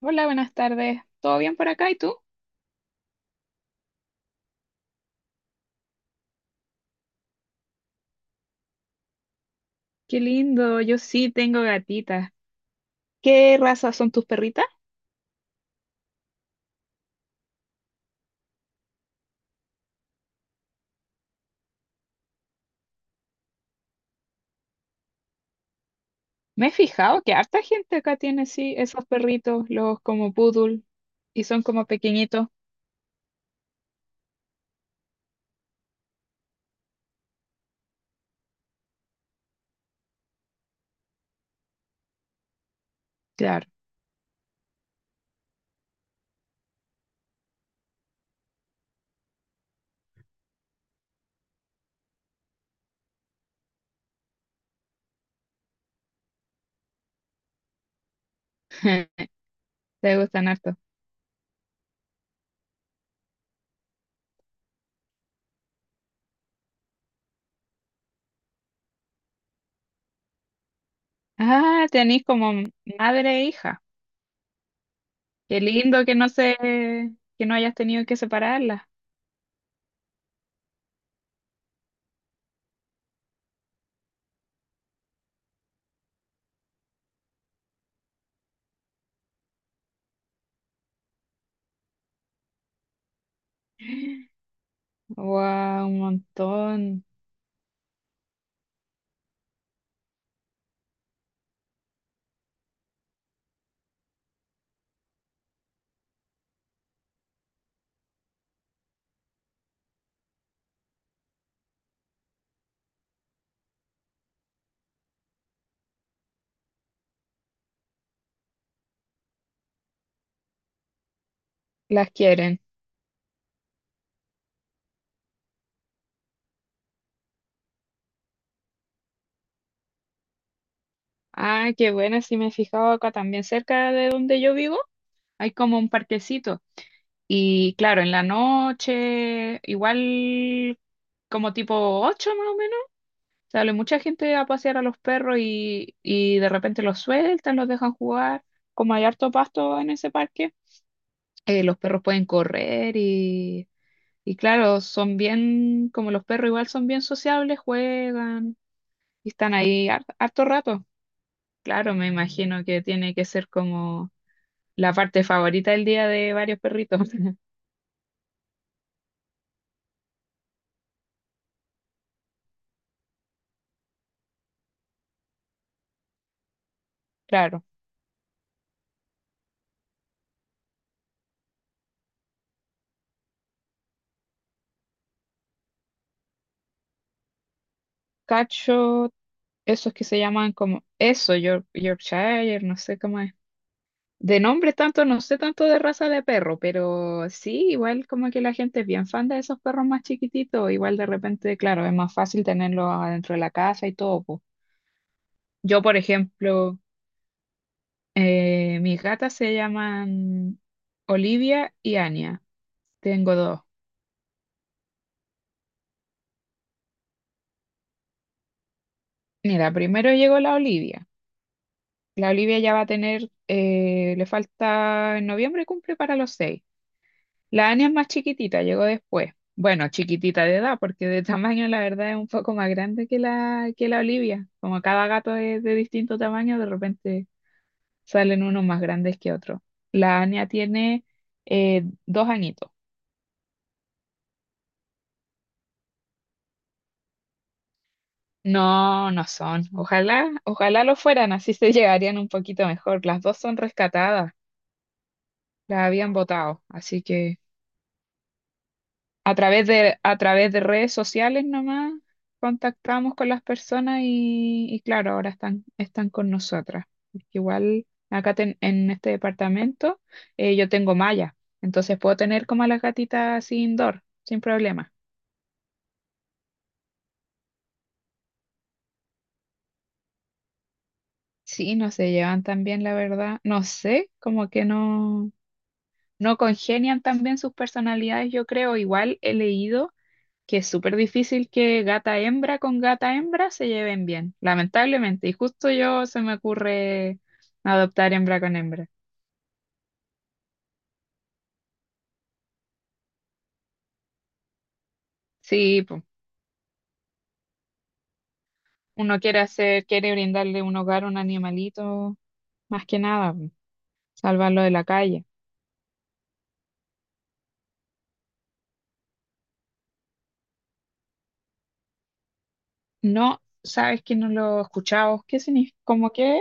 Hola, buenas tardes. ¿Todo bien por acá? ¿Y tú? Qué lindo, yo sí tengo gatitas. ¿Qué raza son tus perritas? Me he fijado que harta gente acá tiene sí esos perritos, los como poodle, y son como pequeñitos. Claro, te gustan harto. Ah, tenés como madre e hija. Qué lindo que no se, que no hayas tenido que separarlas. Wow, un montón. Las quieren. Ah, qué buena, sí me he fijado acá también cerca de donde yo vivo. Hay como un parquecito. Y claro, en la noche, igual como tipo 8 más o menos, sale mucha gente a pasear a los perros y de repente los sueltan, los dejan jugar. Como hay harto pasto en ese parque, los perros pueden correr y claro, son bien, como los perros igual son bien sociables, juegan y están ahí harto rato. Claro, me imagino que tiene que ser como la parte favorita del día de varios perritos. Claro. Cacho esos que se llaman como eso, Yorkshire, no sé cómo es. De nombre tanto, no sé tanto de raza de perro, pero sí, igual como que la gente es bien fan de esos perros más chiquititos, igual de repente, claro, es más fácil tenerlos adentro de la casa y todo, po. Yo, por ejemplo, mis gatas se llaman Olivia y Anya. Tengo dos. Mira, primero llegó la Olivia. La Olivia ya va a tener, le falta, en noviembre cumple para los 6. La Ania es más chiquitita, llegó después. Bueno, chiquitita de edad, porque de tamaño la verdad es un poco más grande que la Olivia. Como cada gato es de distinto tamaño, de repente salen unos más grandes que otros. La Ania tiene 2 añitos. No, no son. Ojalá, ojalá lo fueran, así se llegarían un poquito mejor. Las dos son rescatadas, las habían botado, así que a través de redes sociales nomás contactamos con las personas y claro, ahora están, están con nosotras. Porque igual acá en este departamento yo tengo malla, entonces puedo tener como a las gatitas así indoor, sin problema. Sí, no se llevan tan bien, la verdad. No sé, como que no congenian tan bien sus personalidades, yo creo. Igual he leído que es súper difícil que gata hembra con gata hembra se lleven bien, lamentablemente. Y justo yo se me ocurre adoptar hembra con hembra. Sí, pues, uno quiere hacer, quiere brindarle un hogar a un animalito, más que nada, po, salvarlo de la calle. No, sabes que no lo escuchamos, ¿qué significa? ¿Cómo qué?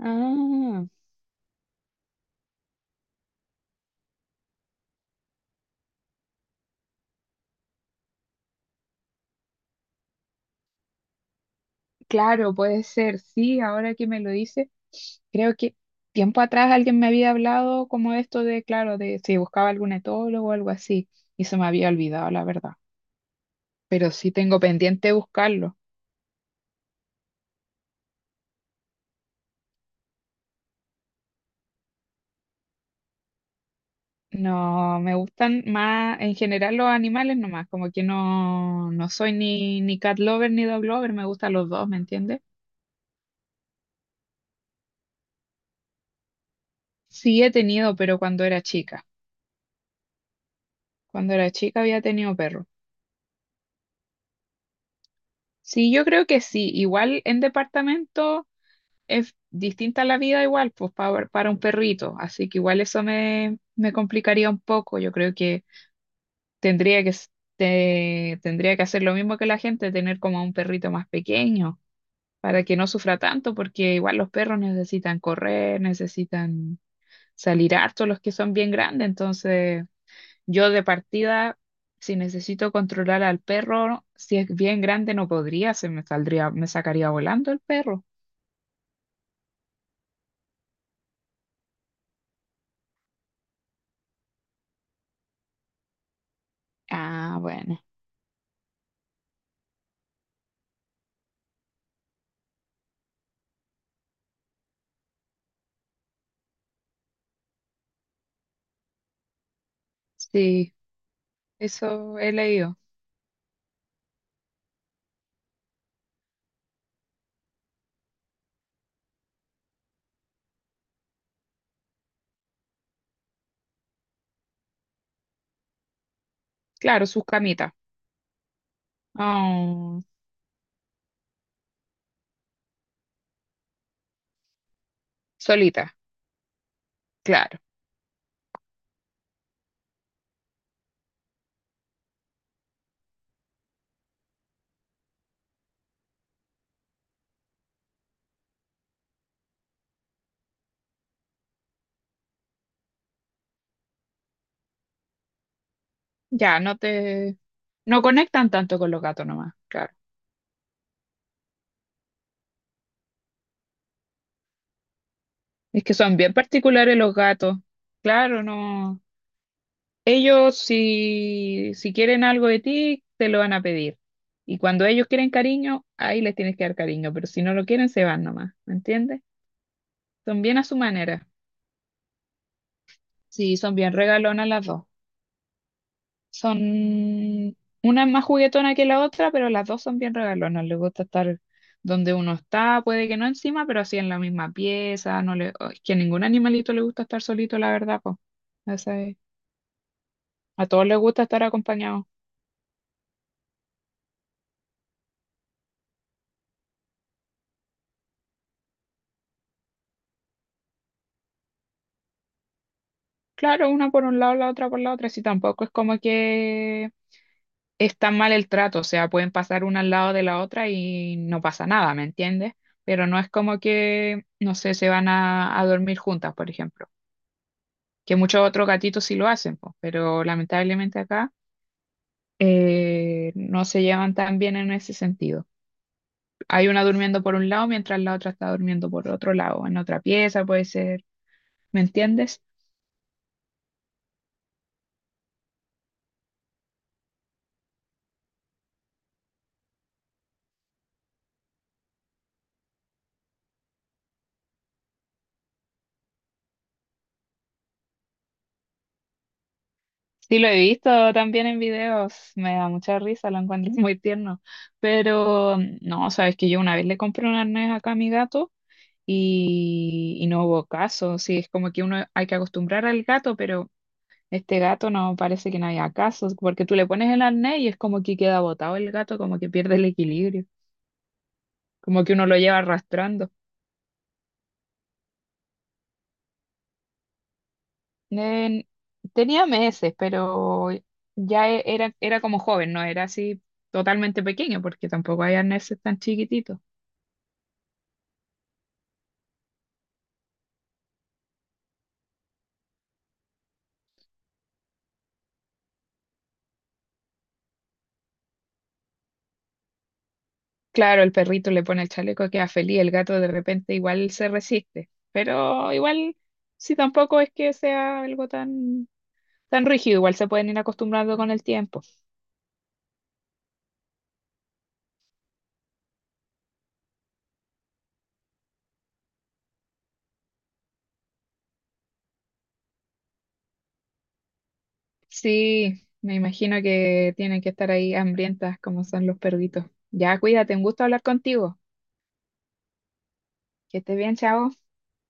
Ah, claro, puede ser, sí, ahora que me lo dices. Creo que tiempo atrás alguien me había hablado como de esto de, claro, de si buscaba algún etólogo o algo así, y se me había olvidado, la verdad. Pero sí tengo pendiente buscarlo. No, me gustan más en general los animales nomás, como que no, no soy ni cat lover ni dog lover, me gustan los dos, ¿me entiendes? Sí he tenido, pero cuando era chica. Cuando era chica había tenido perro. Sí, yo creo que sí. Igual en departamento. Es distinta la vida igual, pues para un perrito, así que igual eso me complicaría un poco, yo creo que tendría que, tendría que hacer lo mismo que la gente, tener como un perrito más pequeño, para que no sufra tanto, porque igual los perros necesitan correr, necesitan salir harto, los que son bien grandes, entonces yo de partida, si necesito controlar al perro, si es bien grande no podría, se me saldría, me sacaría volando el perro. Ah, bueno. Sí, eso he leído. Claro, sus camitas. Ah, solita, claro. Ya, no te... No conectan tanto con los gatos nomás, claro. Es que son bien particulares los gatos. Claro, no. Ellos si quieren algo de ti, te lo van a pedir. Y cuando ellos quieren cariño, ahí les tienes que dar cariño. Pero si no lo quieren, se van nomás. ¿Me entiendes? Son bien a su manera. Sí, son bien regalonas las dos. Son, una es más juguetona que la otra, pero las dos son bien regalonas. Les gusta estar donde uno está, puede que no encima, pero así en la misma pieza. No le, oh, es que a ningún animalito le gusta estar solito, la verdad, pues. A todos les gusta estar acompañados. Claro, una por un lado, la otra por la otra. Sí, tampoco es como que es tan mal el trato. O sea, pueden pasar una al lado de la otra y no pasa nada, ¿me entiendes? Pero no es como que, no sé, se van a dormir juntas, por ejemplo. Que muchos otros gatitos sí lo hacen, pues, pero lamentablemente acá no se llevan tan bien en ese sentido. Hay una durmiendo por un lado mientras la otra está durmiendo por otro lado, en otra pieza puede ser, ¿me entiendes? Sí, lo he visto también en videos, me da mucha risa, lo encuentro muy tierno, pero no, sabes que yo una vez le compré un arnés acá a mi gato y no hubo caso, sí, es como que uno hay que acostumbrar al gato, pero... Este gato no parece que no haya casos, porque tú le pones el arnés y es como que queda botado el gato, como que pierde el equilibrio, como que uno lo lleva arrastrando. En- Tenía meses, pero ya era como joven, no era así totalmente pequeño, porque tampoco hay arneses tan chiquititos. Claro, el perrito le pone el chaleco, queda feliz, el gato de repente igual se resiste, pero igual si tampoco es que sea algo tan, tan rígido, igual se pueden ir acostumbrando con el tiempo. Sí, me imagino que tienen que estar ahí hambrientas como son los perritos. Ya, cuídate, un gusto hablar contigo. Que estés bien, chao.